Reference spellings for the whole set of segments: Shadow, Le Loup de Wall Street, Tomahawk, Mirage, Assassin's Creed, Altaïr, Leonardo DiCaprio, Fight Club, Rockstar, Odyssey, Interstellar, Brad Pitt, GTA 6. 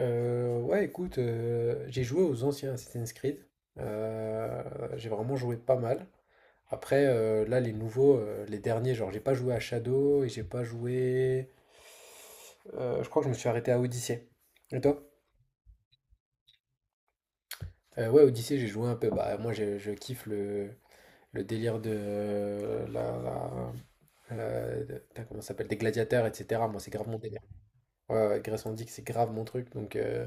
Ouais, écoute, j'ai joué aux anciens Assassin's Creed. J'ai vraiment joué pas mal. Après, là, les nouveaux, les derniers, genre, j'ai pas joué à Shadow et j'ai pas joué. Je crois que je me suis arrêté à Odyssey. Et toi? Ouais, Odyssey, j'ai joué un peu. Bah, moi, je kiffe le délire de putain, comment ça s'appelle? Des gladiateurs, etc. Moi, c'est grave mon délire. Ouais, ouais, Grèce antique, c'est grave mon truc. Donc,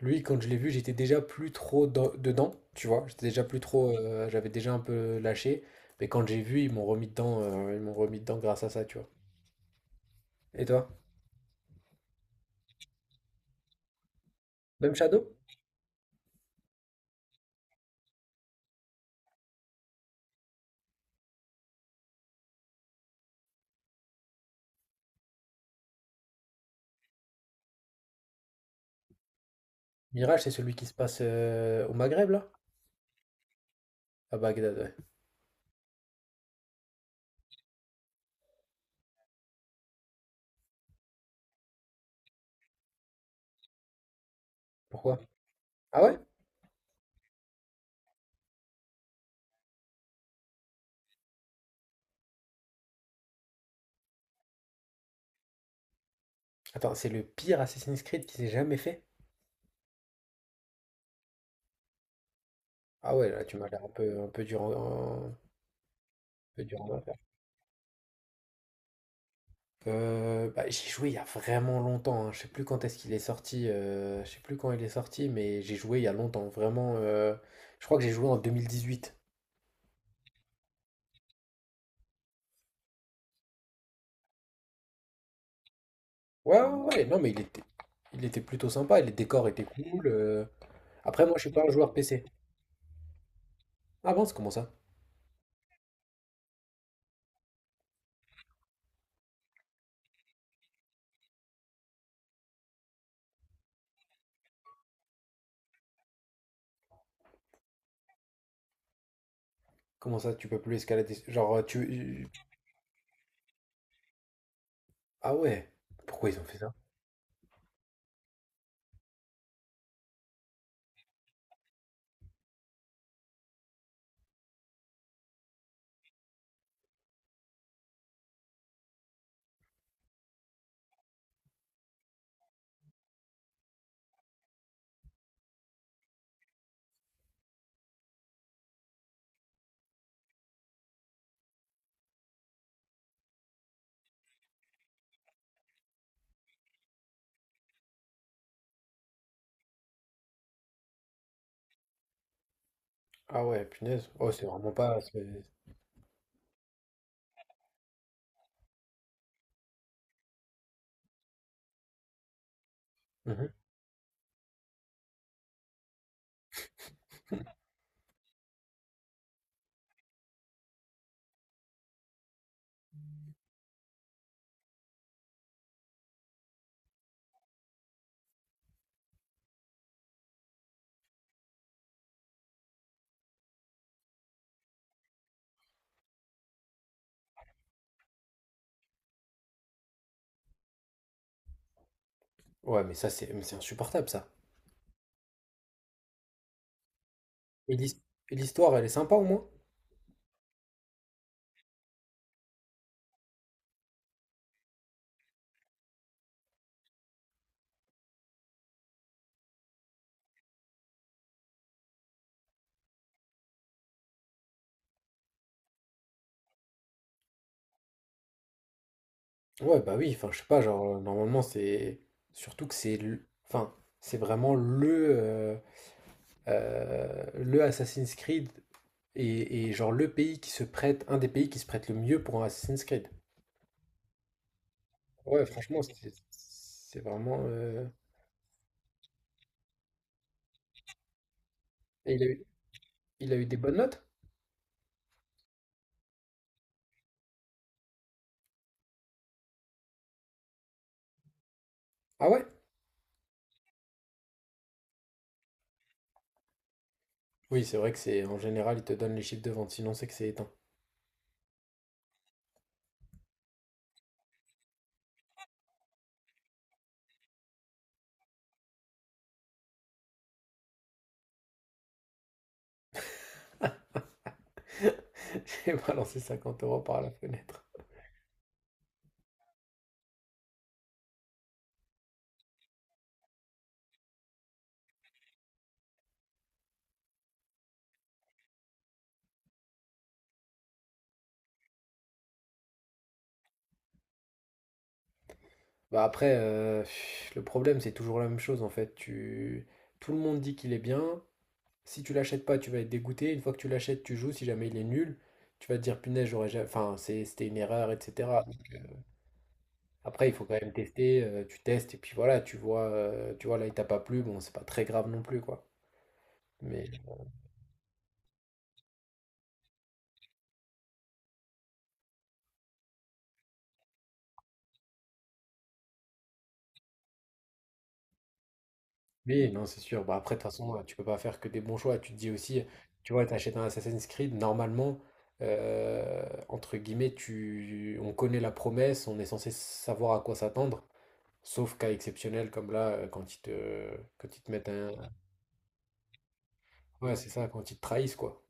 lui, quand je l'ai vu, j'étais déjà plus trop dedans, tu vois. J'étais déjà plus trop, j'avais déjà un peu lâché. Mais quand j'ai vu, ils m'ont remis dedans grâce à ça, tu vois. Et toi? Même Shadow? Mirage, c'est celui qui se passe, au Maghreb, là? À Bagdad, ouais. Pourquoi? Ah ouais? Attends, c'est le pire Assassin's Creed qui s'est jamais fait? Ah ouais, là, tu m'as l'air un peu, un peu un peu dur en affaire. Bah, j'y ai joué il y a vraiment longtemps, hein. Je sais plus quand est-ce qu'il est sorti. Je sais plus quand il est sorti, mais j'ai joué il y a longtemps. Vraiment, je crois que j'ai joué en 2018. Ouais, ouais, ouais, ouais, non, mais il était plutôt sympa. Les décors étaient cool. Après, moi, je suis pas un joueur PC. Ah bon, c'est comment ça? Comment ça, tu peux plus escalader? Genre, tu... euh, Ah ouais. Pourquoi ils ont fait ça? Ah ouais, punaise. Oh, c'est vraiment pas... Mhm. Ouais, mais ça, c'est insupportable, ça. Et l'his- et l'histoire, elle est sympa au moins? Ouais, bah oui, enfin, je sais pas, genre, normalement, c'est. Surtout que c'est... Enfin, c'est vraiment le Assassin's Creed et genre le pays qui se prête. Un des pays qui se prête le mieux pour un Assassin's Creed. Ouais, franchement, c'est vraiment... Et il a eu, il a eu des bonnes notes? Ah ouais? Oui, c'est vrai que c'est... En général, ils te donnent les chiffres de vente, sinon c'est que c'est éteint. J'ai balancé 50 € par la fenêtre. Bah après, le problème, c'est toujours la même chose en fait. Tu Tout le monde dit qu'il est bien. Si tu l'achètes pas, tu vas être dégoûté. Une fois que tu l'achètes, tu joues. Si jamais il est nul, tu vas te dire: «Punaise, j'aurais jamais enfin, c'était une erreur» et cetera. Après, il faut quand même tester, tu testes et puis voilà, tu vois là, il t'a pas plu, bon, c'est pas très grave non plus, quoi. Mais oui, non, c'est sûr. Bah, après, de toute façon, tu peux pas faire que des bons choix. Tu te dis aussi, tu vois, t'achètes un Assassin's Creed, normalement, entre guillemets, on connaît la promesse, on est censé savoir à quoi s'attendre, sauf cas exceptionnel comme là, quand ils te mettent un... Ouais, c'est ça, quand ils te trahissent, quoi.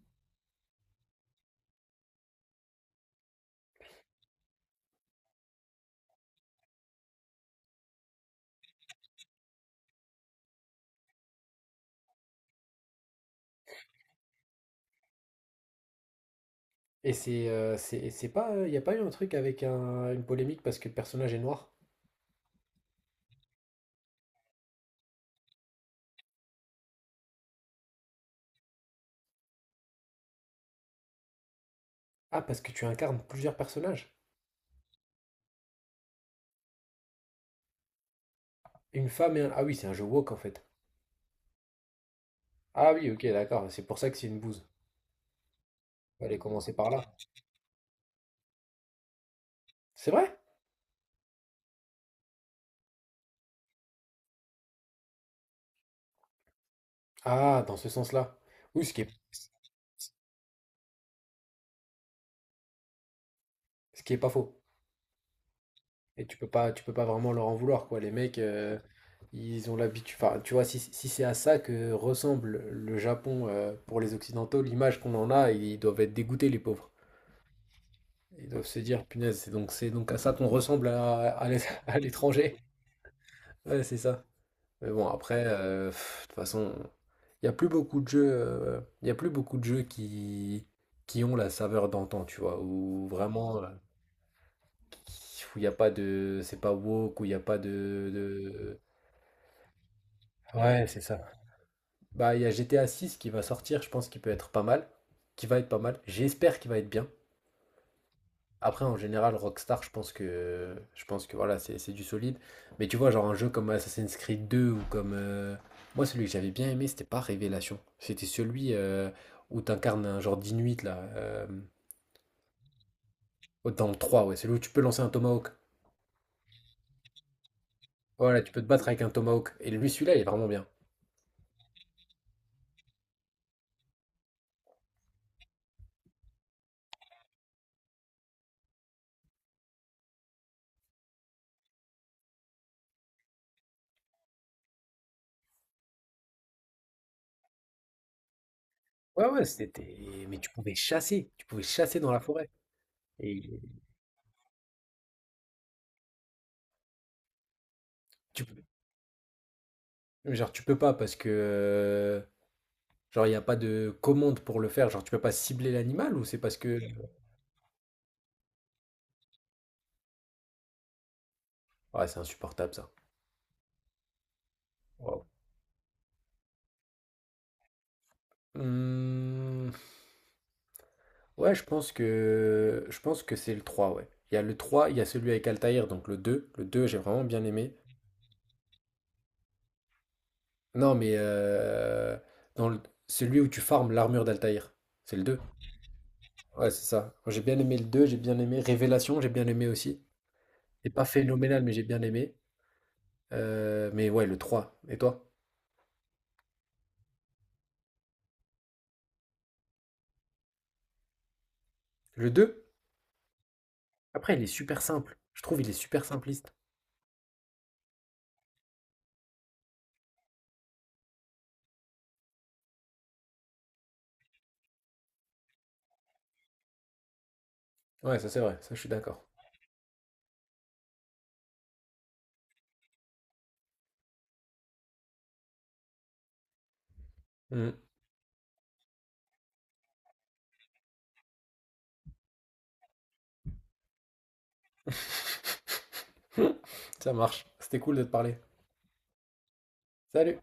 Et c'est pas, il n'y a pas eu un truc avec une polémique parce que le personnage est noir? Ah, parce que tu incarnes plusieurs personnages? Une femme et un... Ah oui, c'est un jeu woke, en fait. Ah oui, ok, d'accord, c'est pour ça que c'est une bouse. Fallait commencer par là. C'est vrai? Ah, dans ce sens-là. Oui, ce qui est pas faux. Et tu peux pas vraiment leur en vouloir, quoi. Les mecs, ils ont l'habitude. Enfin, tu vois, si c'est à ça que ressemble le Japon, pour les Occidentaux, l'image qu'on en a, ils doivent être dégoûtés, les pauvres. Ils doivent se dire, punaise, c'est donc à ça qu'on ressemble à l'étranger. Ouais, c'est ça. Mais bon, après, pff, de toute façon, il y a plus beaucoup de jeux qui ont la saveur d'antan, tu vois, ou vraiment... où il n'y a pas de... C'est pas woke, où il n'y a pas Ouais, c'est ça. Bah, il y a GTA 6 qui va sortir, je pense qu'il peut être pas mal. Qui va être pas mal. J'espère qu'il va être bien. Après, en général, Rockstar, Je pense que voilà, c'est du solide. Mais tu vois, genre un jeu comme Assassin's Creed 2 ou comme... Moi, celui que j'avais bien aimé, c'était pas Révélation. C'était celui, où t'incarnes un genre d'Inuit, là. Dans le 3, ouais. Celui où tu peux lancer un Tomahawk. Voilà, tu peux te battre avec un Tomahawk. Et lui, celui-là, il est vraiment bien. Ouais, ouais, c'était mais tu pouvais chasser, dans la forêt. Et tu genre tu peux pas parce que, genre il n'y a pas de commande pour le faire, genre tu peux pas cibler l'animal ou c'est parce que... ouais, c'est insupportable, ça. Waouh. Hum. Ouais, je pense que c'est le trois, ouais. Il y a le trois, il y a celui avec Altaïr, donc le deux, j'ai vraiment bien aimé. Non, mais dans le- celui où tu farmes l'armure d'Altaïr, c'est le deux. Ouais, c'est ça. Moi, j'ai bien aimé le deux, j'ai bien aimé Révélation, j'ai bien aimé aussi. C'est pas phénoménal, mais j'ai bien aimé. Mais ouais, le 3. Et toi? Le deux. Après, il est super simple. Je trouve il est super simpliste. Ouais, ça c'est vrai, ça je suis d'accord. Mm. Ça marche. C'était cool de te parler. Salut!